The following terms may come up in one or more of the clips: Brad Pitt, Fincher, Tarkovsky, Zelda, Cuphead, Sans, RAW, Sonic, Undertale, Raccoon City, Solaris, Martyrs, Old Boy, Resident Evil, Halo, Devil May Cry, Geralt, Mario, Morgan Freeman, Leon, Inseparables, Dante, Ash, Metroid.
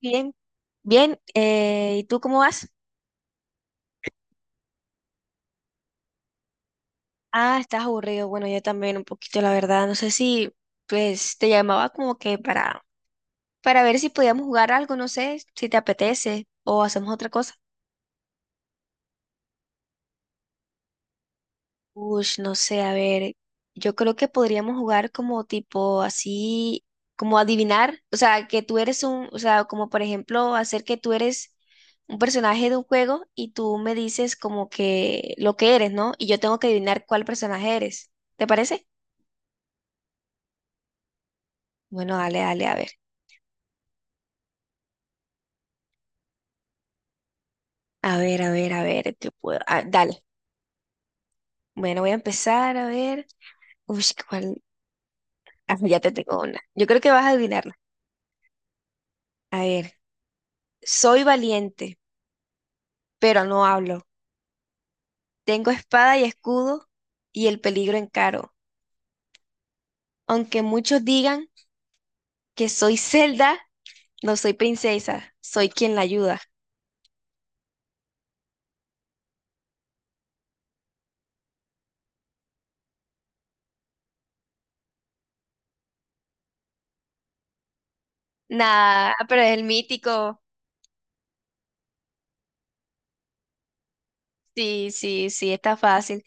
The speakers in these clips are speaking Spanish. Bien, bien. ¿Y tú cómo vas? Ah, estás aburrido. Bueno, yo también un poquito, la verdad. No sé si, pues, te llamaba como que para ver si podíamos jugar algo, no sé, si te apetece o hacemos otra cosa. Uy, no sé, a ver, yo creo que podríamos jugar como tipo así, como adivinar, o sea, que tú eres un, o sea, como por ejemplo, hacer que tú eres un personaje de un juego y tú me dices como que lo que eres, ¿no? Y yo tengo que adivinar cuál personaje eres. ¿Te parece? Bueno, dale, dale, a ver. A ver, a ver, a ver, ¿qué puedo? Ah, dale. Bueno, voy a empezar a ver. Uy, ¿cuál? Ah, ya te tengo una. Yo creo que vas a adivinarla. A ver, soy valiente, pero no hablo. Tengo espada y escudo y el peligro encaro. Aunque muchos digan que soy Zelda, no soy princesa, soy quien la ayuda. Nah, pero es el mítico. Sí, sí, sí, está fácil.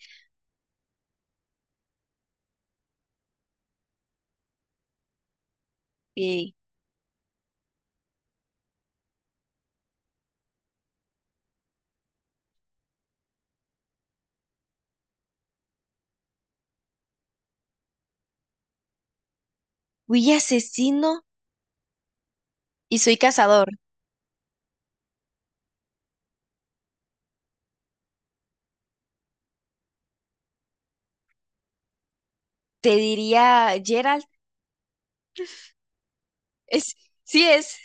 Sí. Fui asesino y soy cazador. Te diría Geralt. Es, sí es.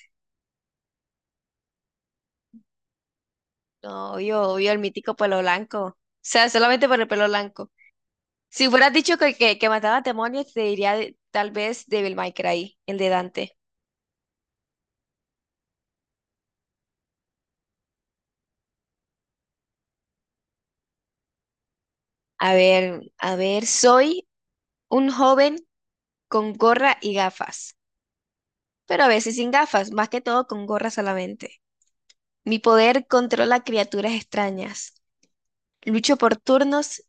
No, obvio, obvio, el mítico pelo blanco. O sea, solamente por el pelo blanco. Si hubieras dicho que mataba demonios, te diría tal vez Devil May Cry, el de Dante. A ver, soy un joven con gorra y gafas, pero a veces sin gafas, más que todo con gorra solamente. Mi poder controla criaturas extrañas. Lucho por turnos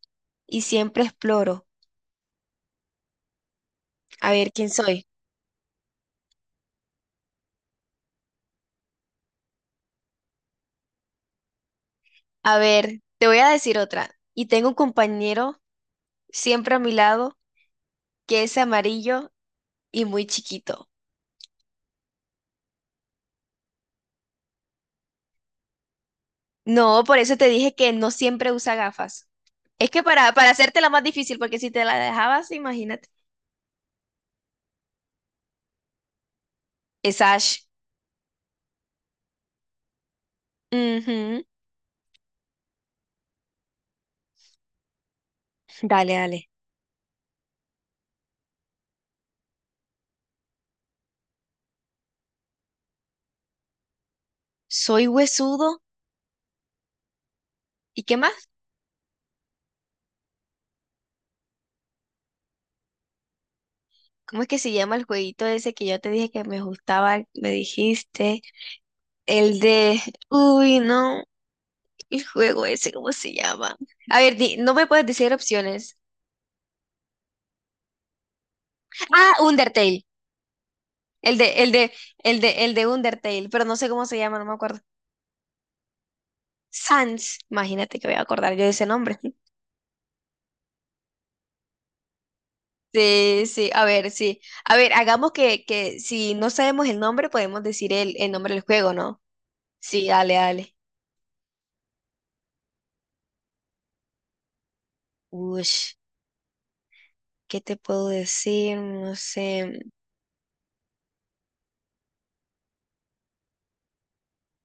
y siempre exploro. A ver, ¿quién soy? A ver, te voy a decir otra. Y tengo un compañero siempre a mi lado, que es amarillo y muy chiquito. No, por eso te dije que no siempre usa gafas. Es que para hacértela más difícil, porque si te la dejabas, imagínate. Es Ash. Ujú. Dale, dale. Soy huesudo. ¿Y qué más? ¿Cómo es que se llama el jueguito ese que yo te dije que me gustaba? Me dijiste. El de... Uy, no. El juego ese, ¿cómo se llama? A ver, no me puedes decir opciones. Ah, Undertale. El de, el de, el de Undertale, pero no sé cómo se llama, no me acuerdo. Sans, imagínate que voy a acordar yo de ese nombre. Sí, sí. A ver, hagamos que si no sabemos el nombre, podemos decir el nombre del juego, ¿no? Sí, dale, dale. Uy, ¿qué te puedo decir? No sé.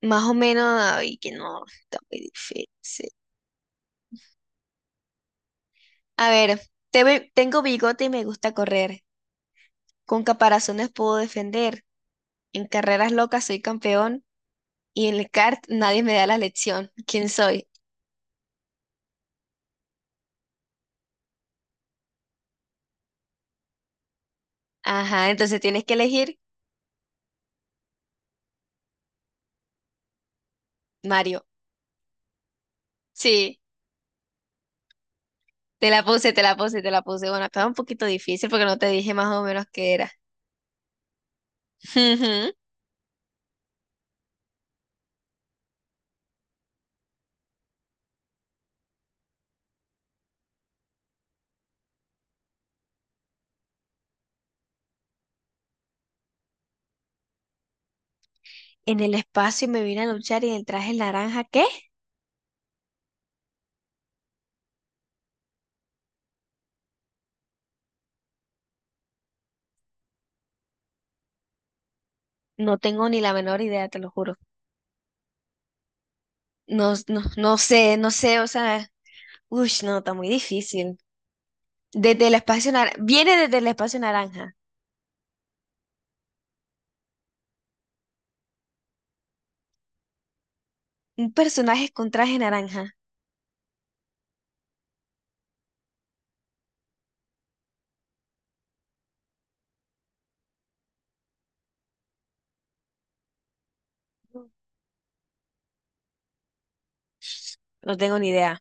Más o menos, ay, que no, está muy difícil. A ver, tengo bigote y me gusta correr. Con caparazones puedo defender. En carreras locas soy campeón. Y en el kart nadie me da la lección. ¿Quién soy? Ajá, entonces tienes que elegir Mario. Sí, te la puse, te la puse, te la puse. Bueno, estaba un poquito difícil porque no te dije más o menos qué era. Ujú. En el espacio me vine a luchar y en el traje naranja, ¿qué? No tengo ni la menor idea, te lo juro. No, no, no sé, no sé, o sea, uy, no, está muy difícil. Desde el espacio naranja, viene desde el espacio naranja. Un personaje con traje naranja. No, no tengo ni idea.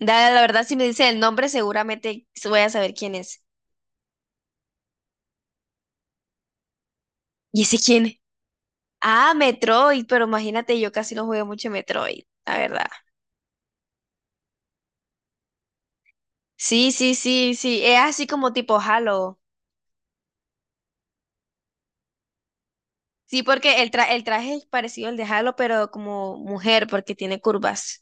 La verdad, si me dice el nombre, seguramente voy a saber quién es. ¿Y ese quién? Ah, Metroid, pero imagínate, yo casi no jugué mucho Metroid, la verdad. Sí, sí, sí, sí, es así como tipo Halo. Sí, porque el traje es parecido al de Halo, pero como mujer, porque tiene curvas.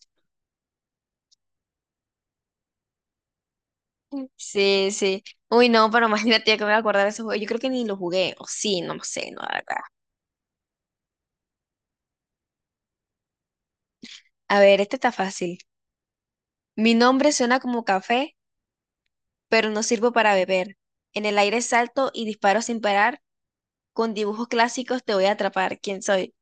Sí, sí. Uy, no, pero imagínate que me voy a acordar de ese juego. Yo creo que ni lo jugué, o sí, no lo sé, no, la verdad. A ver, este está fácil. Mi nombre suena como café, pero no sirvo para beber. En el aire salto y disparo sin parar. Con dibujos clásicos te voy a atrapar. ¿Quién soy?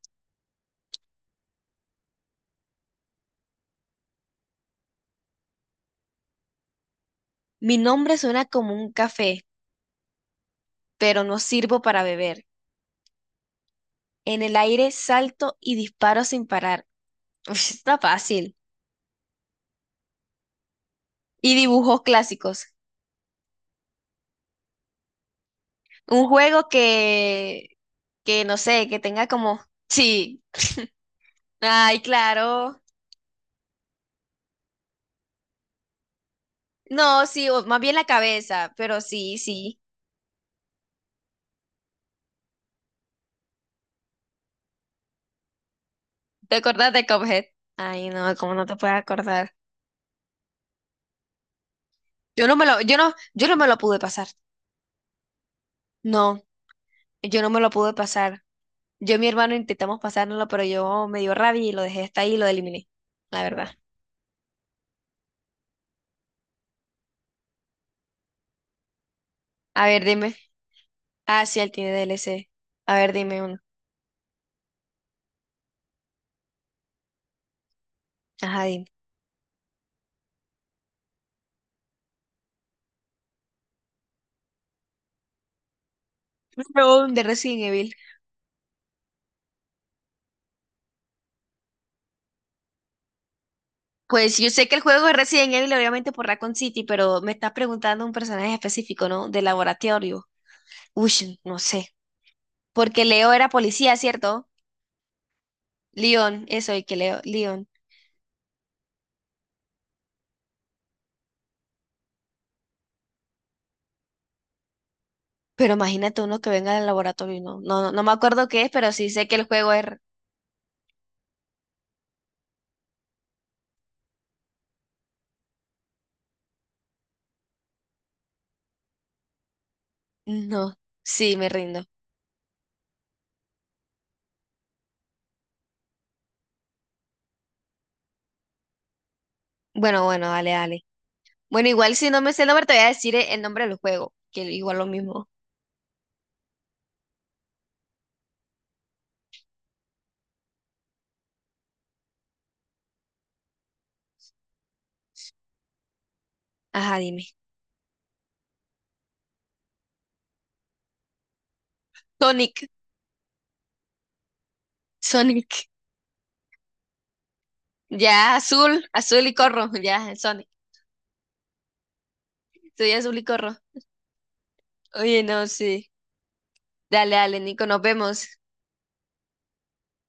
Mi nombre suena como un café, pero no sirvo para beber. En el aire salto y disparo sin parar. Uf, está fácil. Y dibujos clásicos. Un juego que no sé, que tenga como... Sí. Ay, claro. No, sí, o más bien la cabeza, pero sí, sí. ¿Te acordás de Cuphead? Ay, no, ¿cómo no te puedes acordar? Yo no me lo pude pasar. No, yo no me lo pude pasar. Yo y mi hermano intentamos pasárnoslo, pero yo me dio rabia y lo dejé hasta ahí y lo eliminé, la verdad. A ver, dime. Ah, sí, él tiene DLC. A ver, dime uno. Ajá, dime. No, de Resident Evil. Pues yo sé que el juego es Resident Evil, obviamente por Raccoon City, pero me estás preguntando un personaje específico, ¿no? De laboratorio. Uy, no sé. Porque Leo era policía, ¿cierto? Leon, eso, Leon. Pero imagínate uno que venga del laboratorio, no, no, no, no me acuerdo qué es, pero sí sé que el juego es... No, sí, me rindo. Bueno, bueno, dale, dale. Bueno, igual si no me sé el nombre, te voy a decir el nombre del juego, que igual lo mismo. Ajá, dime. Sonic, Sonic. Ya, azul, azul y corro. Ya, Sonic. Soy azul y corro. Oye, no, sí. Dale, dale, Nico, nos vemos.